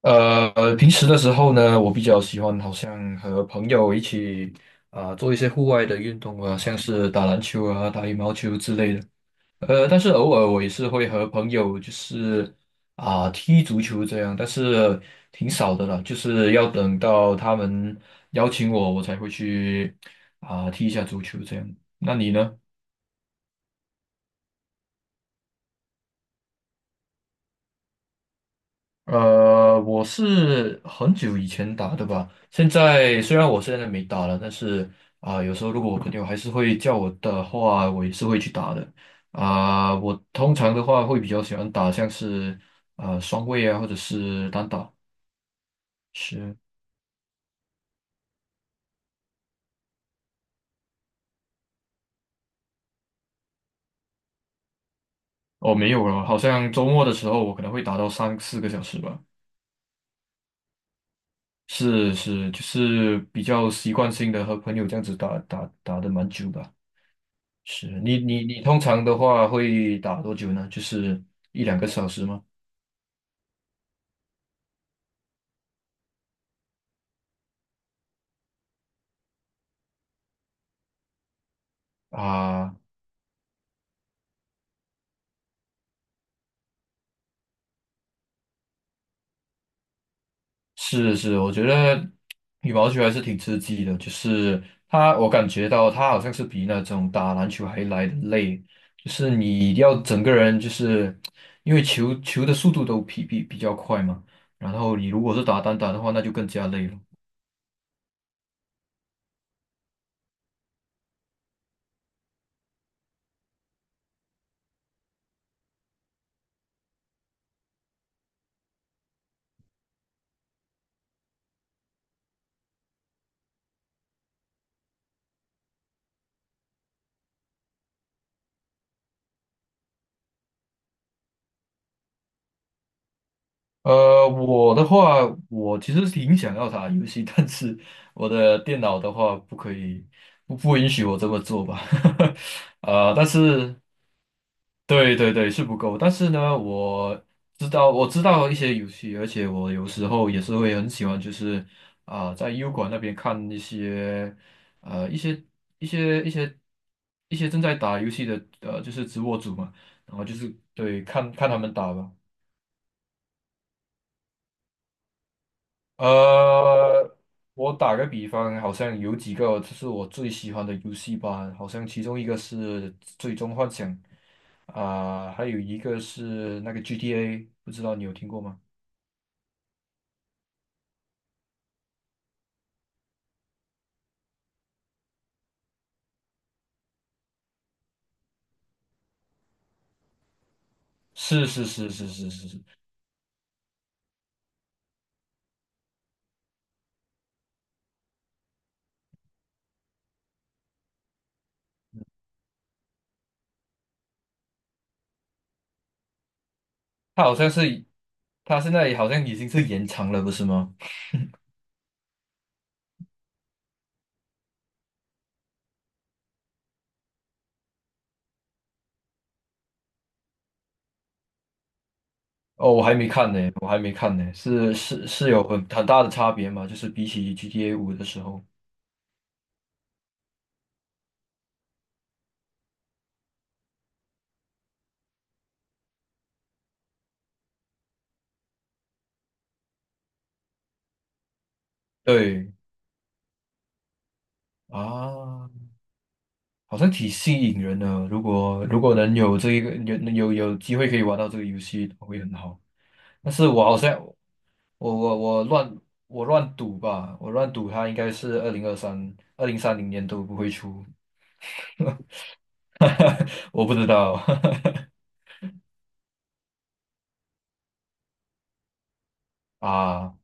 平时的时候呢，我比较喜欢好像和朋友一起啊、做一些户外的运动啊，像是打篮球啊、打羽毛球之类的。但是偶尔我也是会和朋友就是啊、踢足球这样，但是挺少的了，就是要等到他们邀请我，我才会去啊、踢一下足球这样。那你呢？我是很久以前打的吧。现在虽然我现在没打了，但是啊、有时候如果我朋友还是会叫我的话，我也是会去打的。啊、我通常的话会比较喜欢打像是双位啊，或者是单打。是，哦，没有了，好像周末的时候我可能会打到三四个小时吧。是是，就是比较习惯性的和朋友这样子打的蛮久的。是你通常的话会打多久呢？就是一两个小时吗？啊，是是，我觉得羽毛球还是挺刺激的，就是它，我感觉到它好像是比那种打篮球还来的累，就是你要整个人就是因为球的速度都比较快嘛，然后你如果是打单打的话，那就更加累了。我的话，我其实是挺想要打游戏，但是我的电脑的话不可以，不允许我这么做吧。但是对是不够，但是呢，我知道一些游戏，而且我有时候也是会很喜欢，就是啊、在优管那边看一些呃一些一些一些一些正在打游戏的就是直播主嘛，然后就是对看看他们打吧。呃，我打个比方，好像有几个就是我最喜欢的游戏吧，好像其中一个是《最终幻想》，啊、还有一个是那个 GTA,不知道你有听过吗？是是是是是是是，它好像是，它现在好像已经是延长了，不是吗？哦，我还没看呢，我还没看呢，是是是有很大的差别嘛，就是比起 GTA 五的时候，对啊。好像挺吸引人的。如果能有这一个有有机会可以玩到这个游戏，会很好。但是我好像我我我乱我乱赌吧，我乱赌它应该是二零三零年都不会出，我不知道 啊。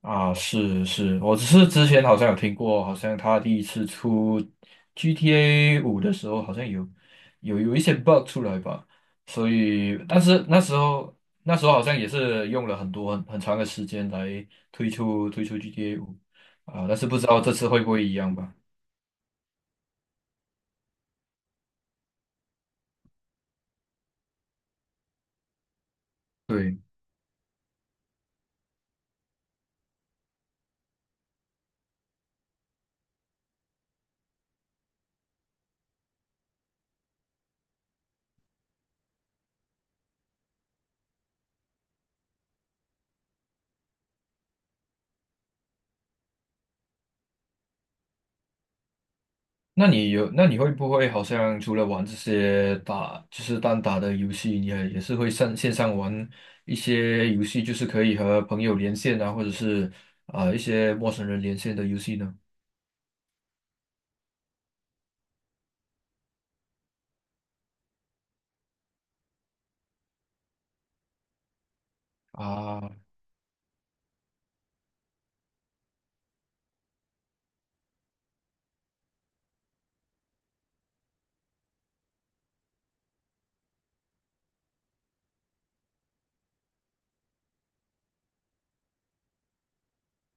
啊，是是，我只是之前好像有听过，好像他第一次出 GTA 五的时候，好像有一些 bug 出来吧，所以但是那时候那时候好像也是用了很多很长的时间来推出 GTA 五啊，但是不知道这次会不会一样吧。对。那你有，那你会不会好像除了玩这些打，就是单打的游戏，你也是会上线上玩一些游戏，就是可以和朋友连线啊，或者是啊、一些陌生人连线的游戏呢？啊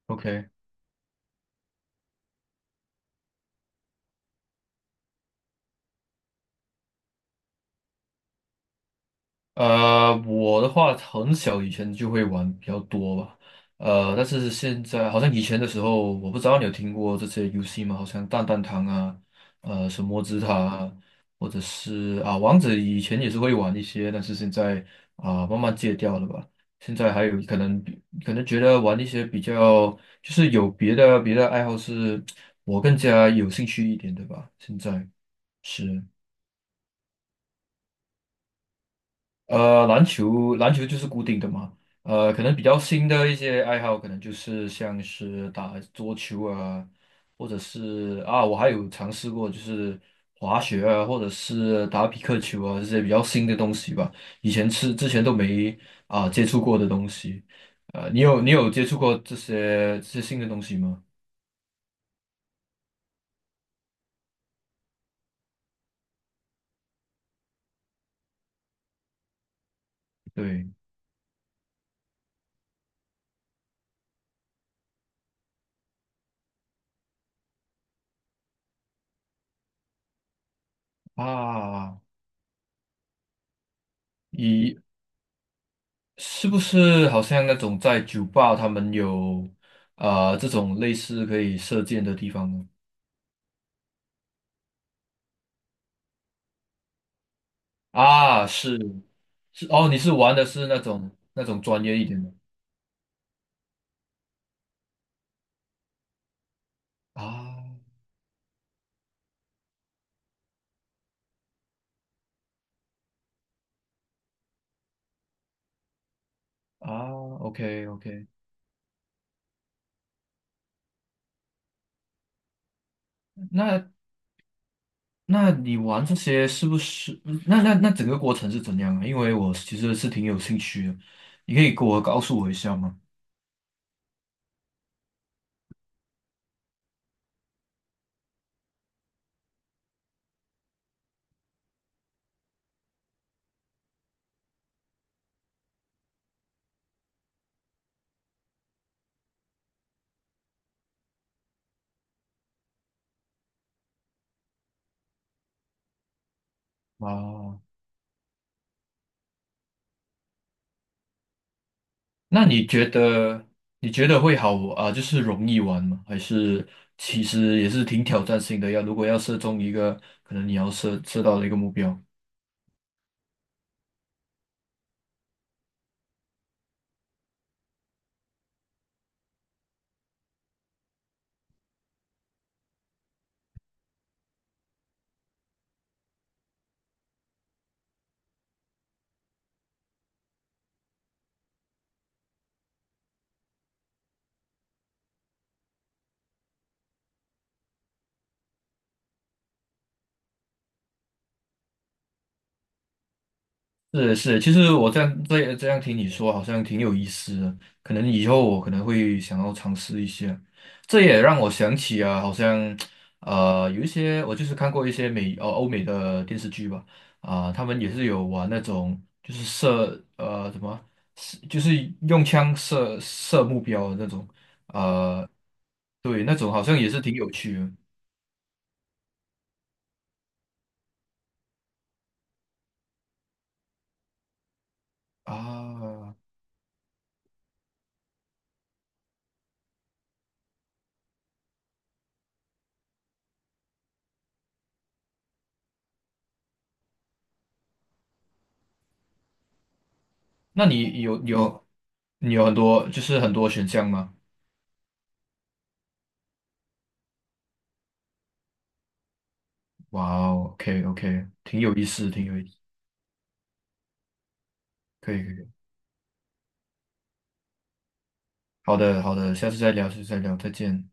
，OK,我的话很小以前就会玩比较多吧，但是现在好像以前的时候，我不知道你有听过这些游戏吗？好像蛋蛋堂啊，什么之塔啊，或者是啊王者，以前也是会玩一些，但是现在啊慢慢戒掉了吧。现在还有可能比可能觉得玩一些比较就是有别的爱好是我更加有兴趣一点的吧。现在是。篮球就是固定的嘛。可能比较新的一些爱好，可能就是像是打桌球啊，或者是啊，我还有尝试过就是滑雪啊，或者是打匹克球啊，这些比较新的东西吧。以前是之前都没啊接触过的东西。你有你有接触过这些新的东西吗？对啊，一。是不是好像那种在酒吧他们有啊、这种类似可以射箭的地方呢？啊，是是哦，你是玩的是那种专业一点的啊啊，OK OK,那那你玩这些是不是？那整个过程是怎样啊？因为我其实是挺有兴趣的，你可以给告诉我一下吗？啊那你觉得会好啊，就是容易玩吗？还是其实也是挺挑战性的？要如果要射中一个，可能你要射到的一个目标。是是，其实我这样听你说，好像挺有意思的。可能以后我可能会想要尝试一下。这也让我想起啊，好像有一些我就是看过一些欧美的电视剧吧，啊、他们也是有玩那种就是什么，是就是用枪射目标的那种，对，那种好像也是挺有趣的啊。那你你有很多就是很多选项吗？哇哦，OK OK,挺有意思，挺有意思，可以可以，好的好的，下次再聊，下次再聊，再见。